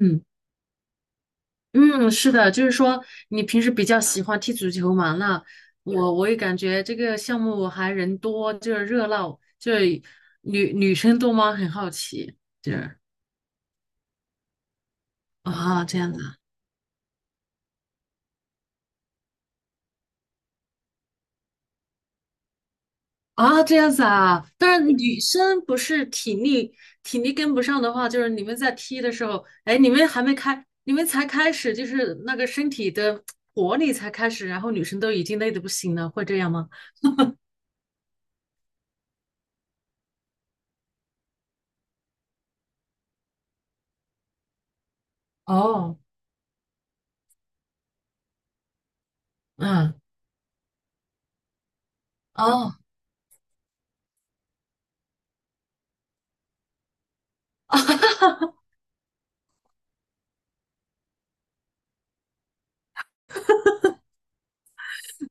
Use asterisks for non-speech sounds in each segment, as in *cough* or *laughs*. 嗯嗯，是的，就是说你平时比较喜欢踢足球嘛？那我也感觉这个项目还人多，就是热闹，就是女生多吗？很好奇，就是啊这样子啊啊这样子啊。但是女生不是体力跟不上的话，就是你们在踢的时候，哎，你们还没开，你们才开始，就是那个身体的活力才开始，然后女生都已经累得不行了，会这样吗？哦，嗯，哦。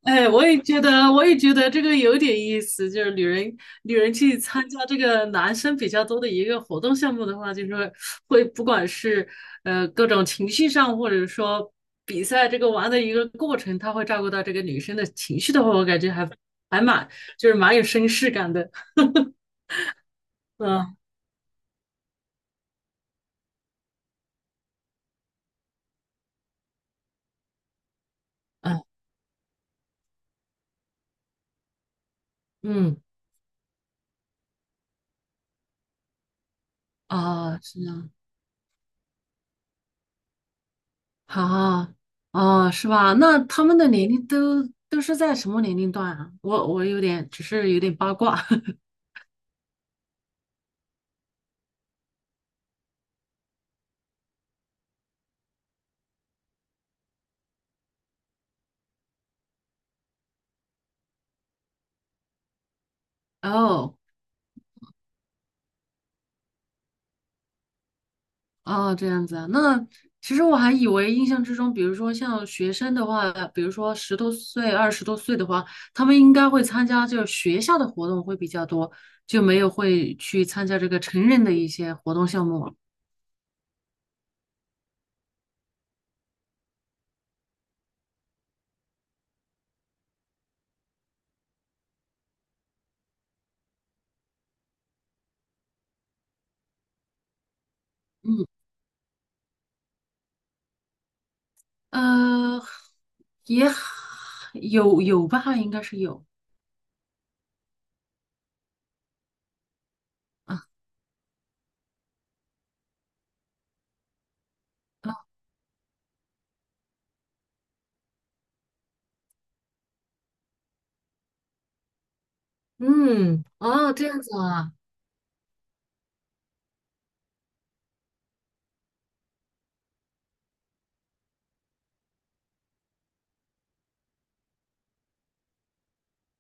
哎，我也觉得，这个有点意思。就是女人去参加这个男生比较多的一个活动项目的话，就是会不管是各种情绪上，或者说比赛这个玩的一个过程，他会照顾到这个女生的情绪的话，我感觉还蛮就是蛮有绅士感的。嗯嗯嗯啊，是啊，啊哦，是吧？那他们的年龄都是在什么年龄段啊？我有点只是有点八卦 *laughs* 哦。哦，这样子啊，那其实我还以为印象之中，比如说像学生的话，比如说十多岁、20多岁的话，他们应该会参加就是学校的活动会比较多，就没有会去参加这个成人的一些活动项目了嗯，呃，也有吧，应该是有。嗯，哦，这样子啊，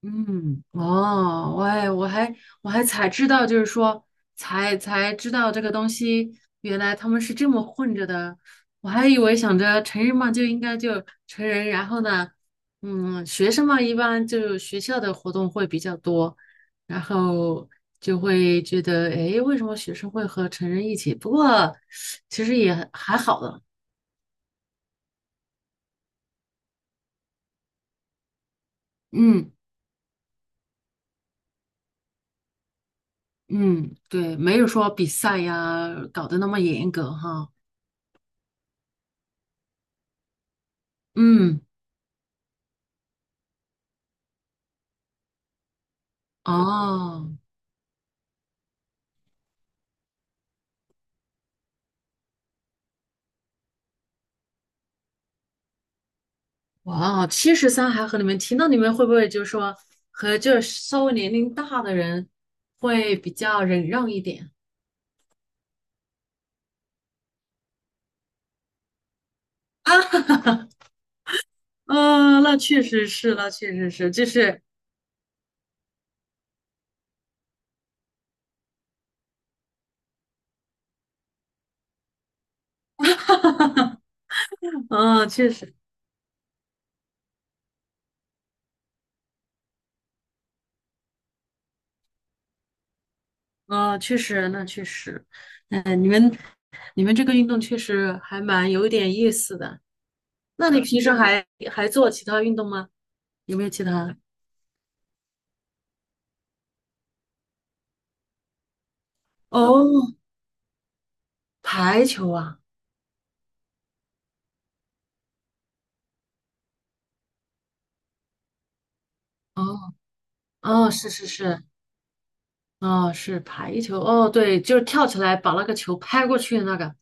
嗯，哦，我还才知道，就是说才知道这个东西，原来他们是这么混着的。我还以为想着成人嘛就应该就成人，然后呢，嗯，学生嘛一般就学校的活动会比较多，然后就会觉得，诶，为什么学生会和成人一起？不过其实也还好的，嗯嗯，对，没有说比赛呀搞得那么严格哈，嗯。哦，哇，73还和你们提，那你们会不会就是说和就是稍微年龄大的人会比较忍让一点？*laughs* 啊，嗯、那确实是，那确实是，就是，嗯、确实，嗯、确实，那确实，嗯、你们，你们这个运动确实还蛮有点意思的。那你平时还做其他运动吗？有没有其他？哦，排球啊，哦哦，是是是，哦，是排球，哦，对，就是跳起来把那个球拍过去的那个。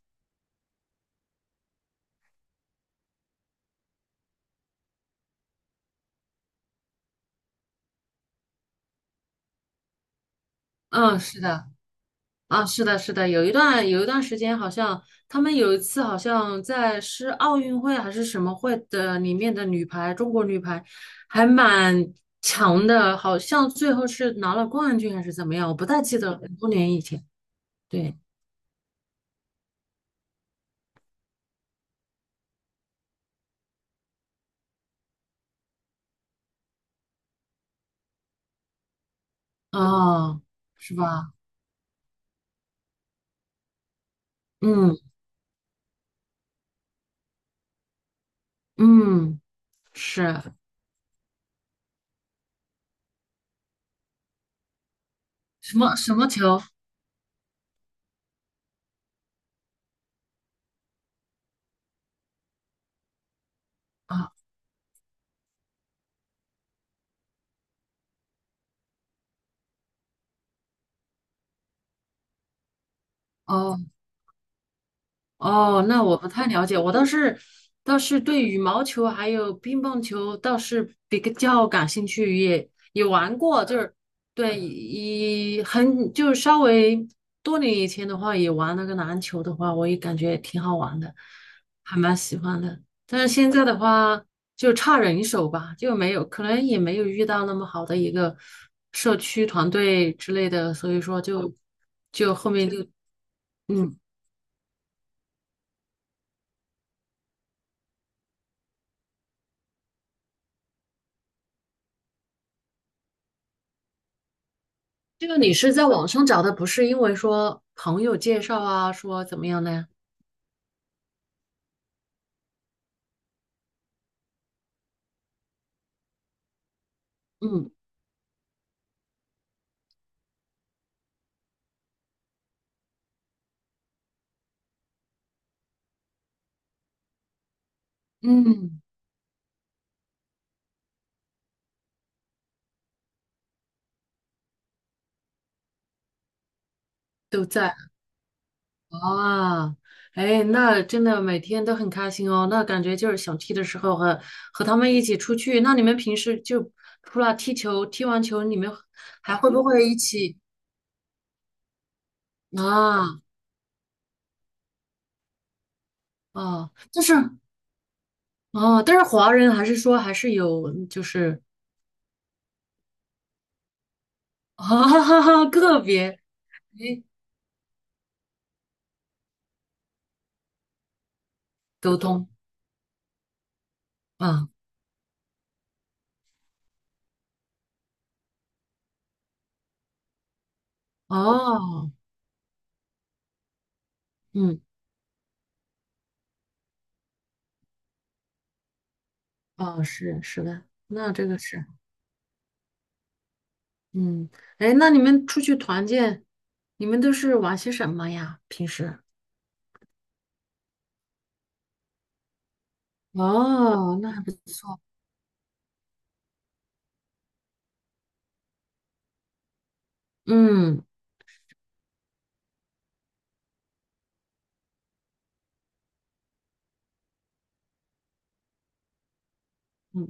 嗯，是的，啊，是的，是的，有一段时间，好像他们有一次好像在是奥运会还是什么会的里面的女排，中国女排还蛮强的，好像最后是拿了冠军还是怎么样，我不太记得了很多年以前。对，哦，是吧？嗯嗯，是什么什么球啊？哦。哦，那我不太了解，我倒是对羽毛球还有乒乓球倒是比较感兴趣，也玩过，就是对，一很就是稍微多年以前的话，也玩那个篮球的话，我也感觉挺好玩的，还蛮喜欢的。但是现在的话，就差人手吧，就没有，可能也没有遇到那么好的一个社区团队之类的，所以说就后面就嗯。这个你是在网上找的，不是因为说朋友介绍啊，说怎么样的呀？嗯嗯，都在啊。哎，那真的每天都很开心哦。那感觉就是想踢的时候和他们一起出去。那你们平时就除了踢球，踢完球你们还会不会一起啊啊？就是啊，但是华人还是说还是有就是啊 *laughs* 个别哎沟通啊哦。嗯。哦，是是的，那这个是，嗯，哎，那你们出去团建，你们都是玩些什么呀？平时？哦，那还不错，嗯嗯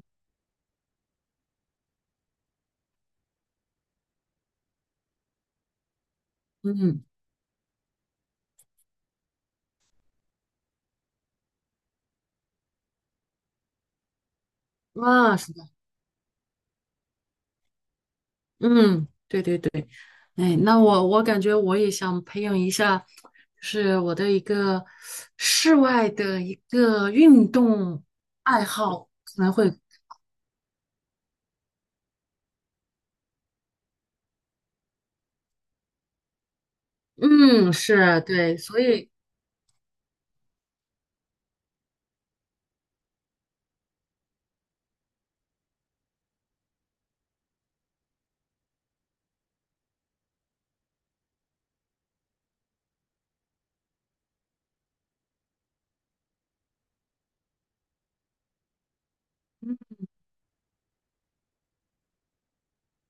嗯，啊，是的，嗯，对对对，哎，那我感觉我也想培养一下，就是我的一个室外的一个运动爱好，可能会，嗯，是对，所以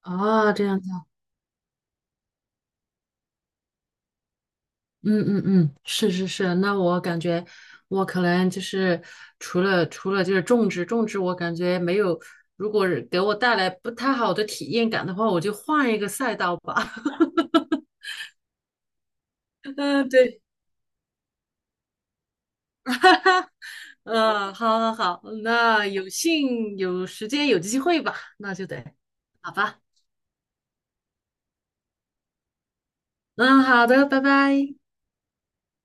啊，这样。嗯嗯嗯，是是是，那我感觉我可能就是除了就是种植种植，我感觉没有，如果是给我带来不太好的体验感的话，我就换一个赛道吧。*laughs* 嗯，对，*laughs* 嗯，好好好，那有幸有时间有机会吧，那就得好吧。嗯，好的，拜拜。